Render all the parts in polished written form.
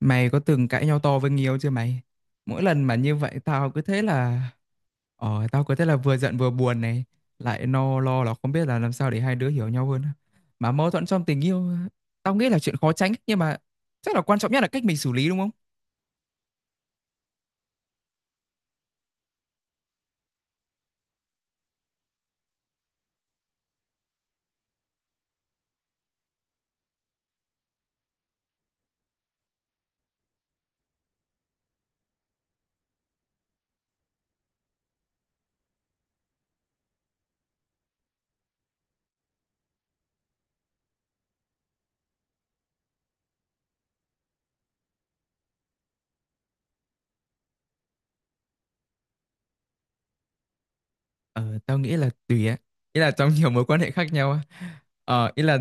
Mày có từng cãi nhau to với người yêu chưa mày? Mỗi lần mà như vậy tao cứ thế là tao cứ thế là vừa giận vừa buồn này, lại lo là không biết là làm sao để hai đứa hiểu nhau hơn. Mà mâu thuẫn trong tình yêu tao nghĩ là chuyện khó tránh, nhưng mà chắc là quan trọng nhất là cách mình xử lý, đúng không? Ờ, tao nghĩ là tùy á. Ý là trong nhiều mối quan hệ khác nhau á. Ờ, ý là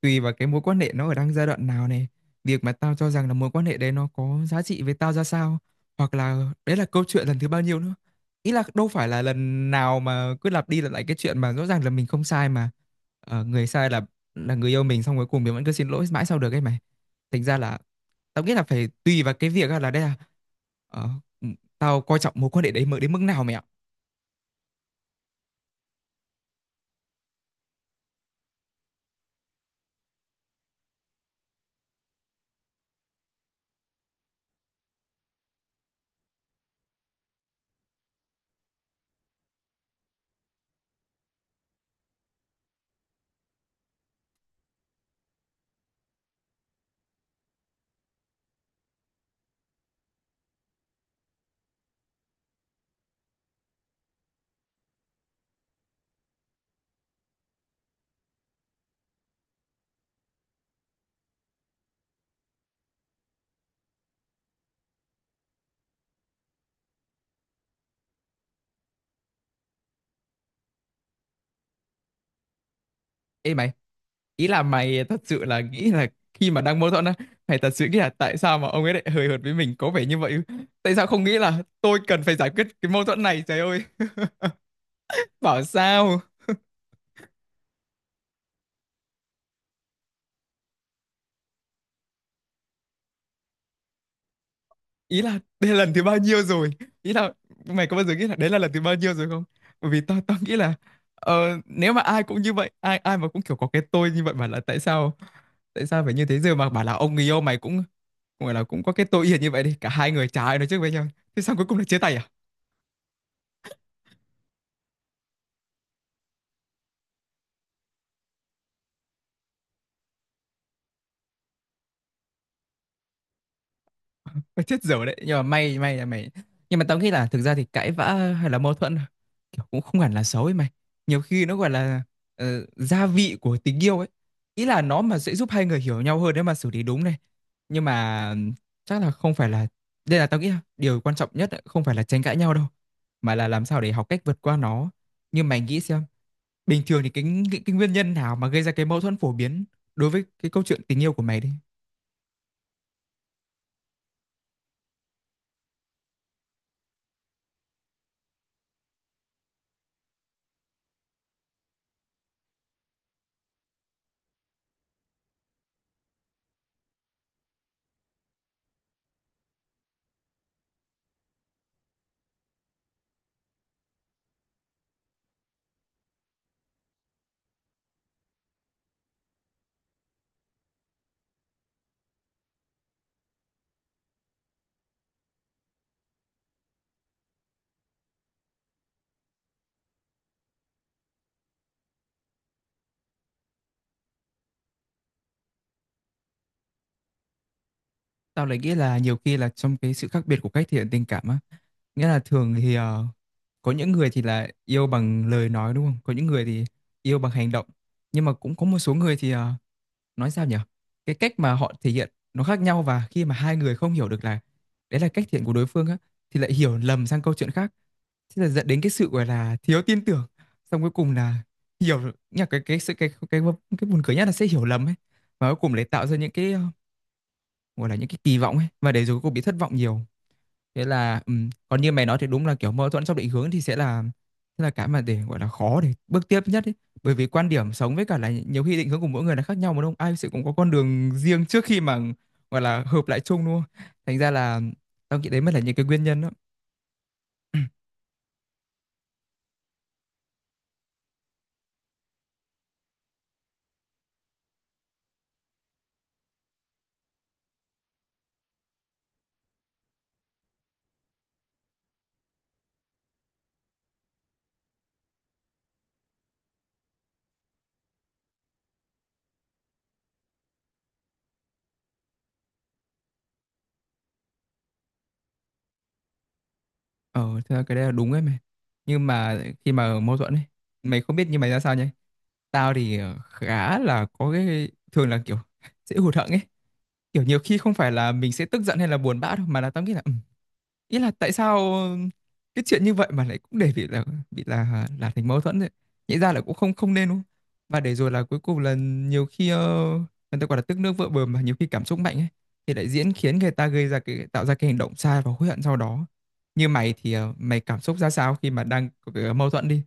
tùy vào cái mối quan hệ nó ở đang giai đoạn nào này. Việc mà tao cho rằng là mối quan hệ đấy nó có giá trị với tao ra sao. Hoặc là đấy là câu chuyện lần thứ bao nhiêu nữa. Ý là đâu phải là lần nào mà cứ lặp đi lặp lại cái chuyện mà rõ ràng là mình không sai mà. Ờ, người sai là người yêu mình, xong cuối cùng mình vẫn cứ xin lỗi mãi sau được ấy mày. Thành ra là tao nghĩ là phải tùy vào cái việc á, là đây là ờ, tao coi trọng mối quan hệ đấy mới đến mức nào mày ạ. Ê mày, ý là mày thật sự là nghĩ là khi mà đang mâu thuẫn á, mày thật sự nghĩ là tại sao mà ông ấy lại hời hợt với mình có vẻ như vậy, tại sao không nghĩ là tôi cần phải giải quyết cái mâu thuẫn này, trời ơi bảo sao. Ý là đây là lần thứ bao nhiêu rồi, ý là mày có bao giờ nghĩ là đấy là lần thứ bao nhiêu rồi không? Bởi vì tao tao nghĩ là ờ, nếu mà ai cũng như vậy, ai ai mà cũng kiểu có cái tôi như vậy mà là tại sao, tại sao phải như thế? Giờ mà bảo là ông người yêu mày cũng gọi là cũng có cái tôi yên như vậy đi, cả hai người chả ai nói trước với nhau, thế sao cuối cùng là chia tay à? Mày chết dở đấy, nhưng mà may là mày. Nhưng mà tao nghĩ là thực ra thì cãi vã hay là mâu thuẫn kiểu cũng không hẳn là xấu ấy mày, nhiều khi nó gọi là ờ, gia vị của tình yêu ấy, ý là nó mà sẽ giúp hai người hiểu nhau hơn nếu mà xử lý đúng này. Nhưng mà chắc là không phải là, đây là tao nghĩ là điều quan trọng nhất ấy, không phải là tranh cãi nhau đâu, mà là làm sao để học cách vượt qua nó. Nhưng mày nghĩ xem, bình thường thì cái nguyên nhân nào mà gây ra cái mâu thuẫn phổ biến đối với cái câu chuyện tình yêu của mày đi. Tao lại nghĩ là nhiều khi là trong cái sự khác biệt của cách thể hiện tình cảm á. Nghĩa là thường thì ờ, có những người thì là yêu bằng lời nói đúng không? Có những người thì yêu bằng hành động. Nhưng mà cũng có một số người thì nói sao nhỉ? Cái cách mà họ thể hiện nó khác nhau, và khi mà hai người không hiểu được là đấy là cách thể hiện của đối phương á, thì lại hiểu lầm sang câu chuyện khác. Thế là dẫn đến cái sự gọi là thiếu tin tưởng. Xong cuối cùng là hiểu nhá, cái sự cái buồn cười nhất là sẽ hiểu lầm ấy. Và cuối cùng lại tạo ra những cái ờ, gọi là những cái kỳ vọng ấy, và để rồi cô bị thất vọng nhiều. Thế là còn như mày nói thì đúng là kiểu mâu thuẫn trong định hướng thì sẽ là cái mà để gọi là khó để bước tiếp nhất ấy. Bởi vì quan điểm sống với cả là nhiều khi định hướng của mỗi người là khác nhau mà đúng không, ai sẽ cũng có con đường riêng trước khi mà gọi là hợp lại chung luôn. Thành ra là tao nghĩ đấy mới là những cái nguyên nhân đó. Ờ thế là cái đấy là đúng ấy mày, nhưng mà khi mà mâu thuẫn ấy, mày không biết như mày ra sao nhỉ? Tao thì ờ, khá là có cái thường là kiểu dễ hụt hẫng ấy. Kiểu, nhiều khi không phải là mình sẽ tức giận hay là buồn bã đâu, mà là tao nghĩ là, ý là tại sao cái chuyện như vậy mà lại cũng để bị là bị là thành mâu thuẫn vậy? Nghĩ ra là cũng không không nên, đúng không? Và để rồi là cuối cùng là nhiều khi, ơ, người ta gọi là "tức nước vỡ bờ" mà, nhiều khi cảm xúc mạnh ấy, thì lại diễn khiến người ta gây ra cái, tạo ra cái hành động sai và hối hận sau đó. Như mày thì, ờ, mày cảm xúc ra sao khi mà đang mâu thuẫn đi?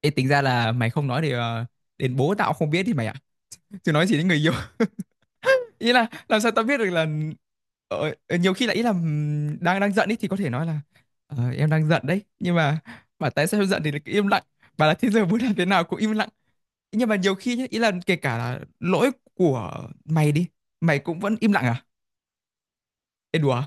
Ê, tính ra là mày không nói thì, ờ, đến bố tao không biết thì mày ạ, chứ nói chỉ đến người yêu. Ý là làm sao tao biết được là nhiều khi là ý là đang đang giận ý thì có thể nói là "Ờ, em đang giận đấy", nhưng mà bảo tại sao em giận thì lại cứ im lặng, bảo là thế giờ muốn làm thế nào cũng im lặng. Nhưng mà nhiều khi nhá, ý là kể cả là lỗi của mày đi, mày cũng vẫn im lặng à? Ê đùa à?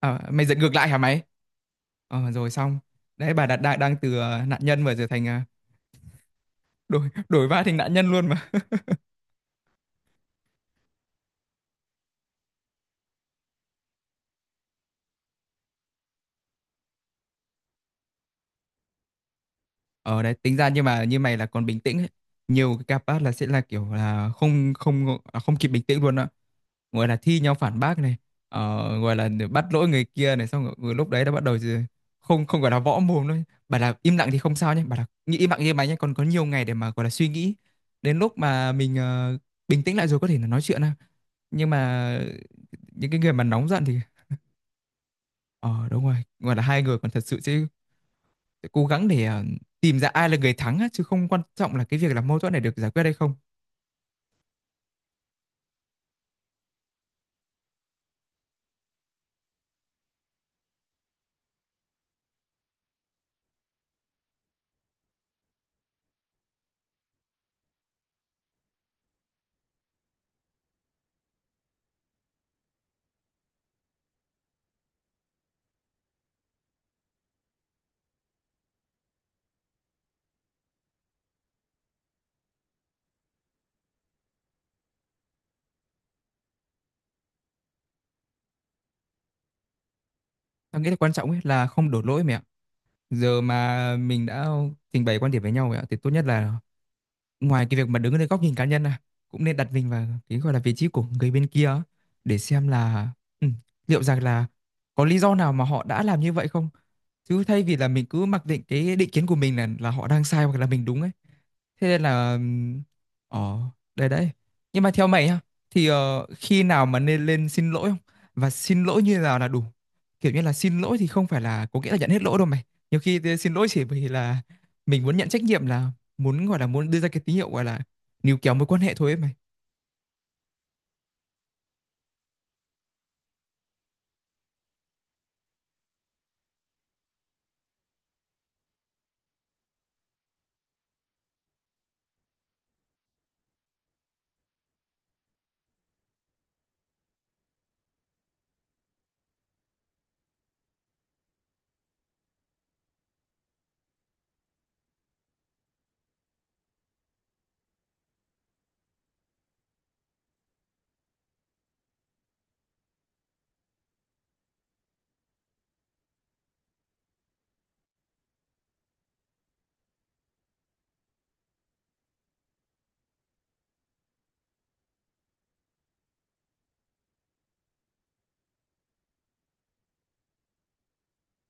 Ờ, mày giận ngược lại hả mày? Ờ, rồi xong đấy bà đã, đang đang từ ờ, nạn nhân mà trở thành ờ, đổi đổi vai thành nạn nhân luôn mà. Ờ đấy tính ra nhưng mà như mày là còn bình tĩnh ấy. Nhiều cái capát là sẽ là kiểu là không không à, không kịp bình tĩnh luôn á, gọi là thi nhau phản bác này, ờ, gọi là bắt lỗi người kia này xong rồi, rồi lúc đấy đã bắt đầu rồi, không không gọi là võ mồm thôi. Bà là im lặng thì không sao nhé, bà là nghĩ im lặng như mày nhé, còn có nhiều ngày để mà gọi là suy nghĩ, đến lúc mà mình ờ, bình tĩnh lại rồi có thể là nói chuyện ha. Nhưng mà những cái người mà nóng giận thì ờ đúng rồi, gọi là hai người còn thật sự sẽ cố gắng để ờ, tìm ra ai là người thắng á, chứ không quan trọng là cái việc là mâu thuẫn này được giải quyết hay không. Tao nghĩ là quan trọng ấy là không đổ lỗi mẹ ạ. Giờ mà mình đã trình bày quan điểm với nhau mẹ ạ thì tốt nhất là ngoài cái việc mà đứng ở góc nhìn cá nhân à, cũng nên đặt mình vào cái gọi là vị trí của người bên kia á, để xem là ừ, liệu rằng là có lý do nào mà họ đã làm như vậy không, chứ thay vì là mình cứ mặc định cái định kiến của mình là họ đang sai hoặc là mình đúng ấy. Thế nên là ờ đây đấy, nhưng mà theo mày ha, thì ờ, khi nào mà nên lên xin lỗi không và xin lỗi như nào là đủ? Kiểu như là xin lỗi thì không phải là có nghĩa là nhận hết lỗi đâu mày, nhiều khi thì xin lỗi chỉ vì là mình muốn nhận trách nhiệm, là muốn gọi là muốn đưa ra cái tín hiệu gọi là níu kéo mối quan hệ thôi ấy mày.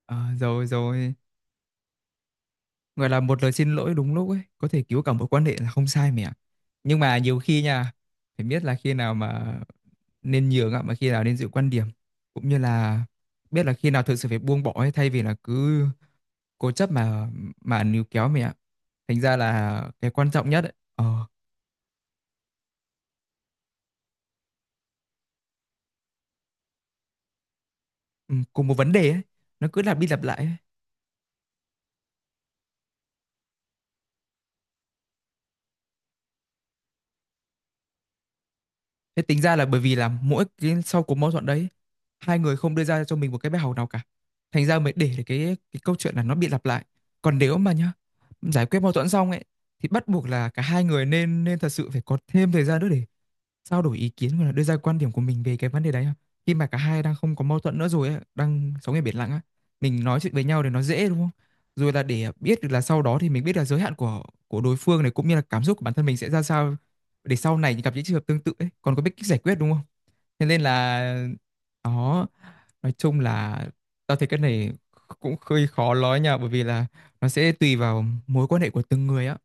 Ờ, rồi rồi, gọi là một lời xin lỗi đúng lúc ấy có thể cứu cả mối quan hệ là không sai mày ạ. Nhưng mà nhiều khi nha, phải biết là khi nào mà nên nhường ạ, mà khi nào nên giữ quan điểm, cũng như là biết là khi nào thực sự phải buông bỏ ấy, thay vì là cứ cố chấp mà níu kéo mày ạ. Thành ra là cái quan trọng nhất ấy, ờ, ừ, cùng một vấn đề ấy, nó cứ lặp đi lặp lại ấy. Thế tính ra là bởi vì là mỗi cái sau cuộc mâu thuẫn đấy, hai người không đưa ra cho mình một cái bài học nào cả. Thành ra mới để cái câu chuyện là nó bị lặp lại. Còn nếu mà nhá, giải quyết mâu thuẫn xong ấy, thì bắt buộc là cả hai người nên nên thật sự phải có thêm thời gian nữa để trao đổi ý kiến hoặc là đưa ra quan điểm của mình về cái vấn đề đấy ha. Khi mà cả hai đang không có mâu thuẫn nữa rồi ấy, đang sống ở biển lặng á, mình nói chuyện với nhau để nó dễ đúng không? Rồi là để biết được là sau đó thì mình biết là giới hạn của đối phương này, cũng như là cảm xúc của bản thân mình sẽ ra sao, để sau này gặp những trường hợp tương tự ấy còn có biết cách giải quyết đúng không? Thế nên là đó, nói chung là tao thấy cái này cũng hơi khó nói nha, bởi vì là nó sẽ tùy vào mối quan hệ của từng người á.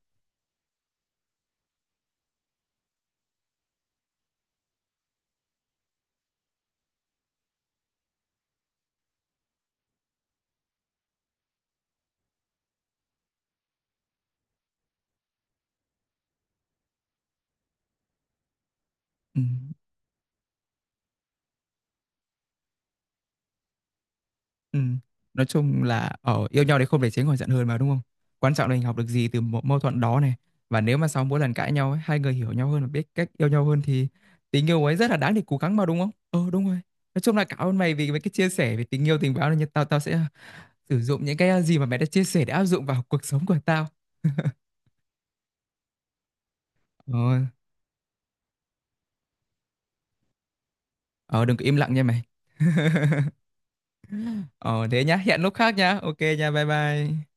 Ừ. Ừ. Nói chung là ở yêu nhau đấy không để tránh khỏi giận hờn mà đúng không? Quan trọng là mình học được gì từ một mâu thuẫn đó này. Và nếu mà sau mỗi lần cãi nhau ấy, hai người hiểu nhau hơn và biết cách yêu nhau hơn thì tình yêu ấy rất là đáng để cố gắng mà đúng không? Ờ đúng rồi. Nói chung là cảm ơn mày vì mấy cái chia sẻ về tình yêu tình báo này. Tao tao sẽ ờ, sử dụng những cái ờ, gì mà mày đã chia sẻ để áp dụng vào cuộc sống của tao. Ờ, ờ đừng có im lặng nha mày. Ờ thế nhá, hẹn lúc khác nhá. Ok nha, bye bye.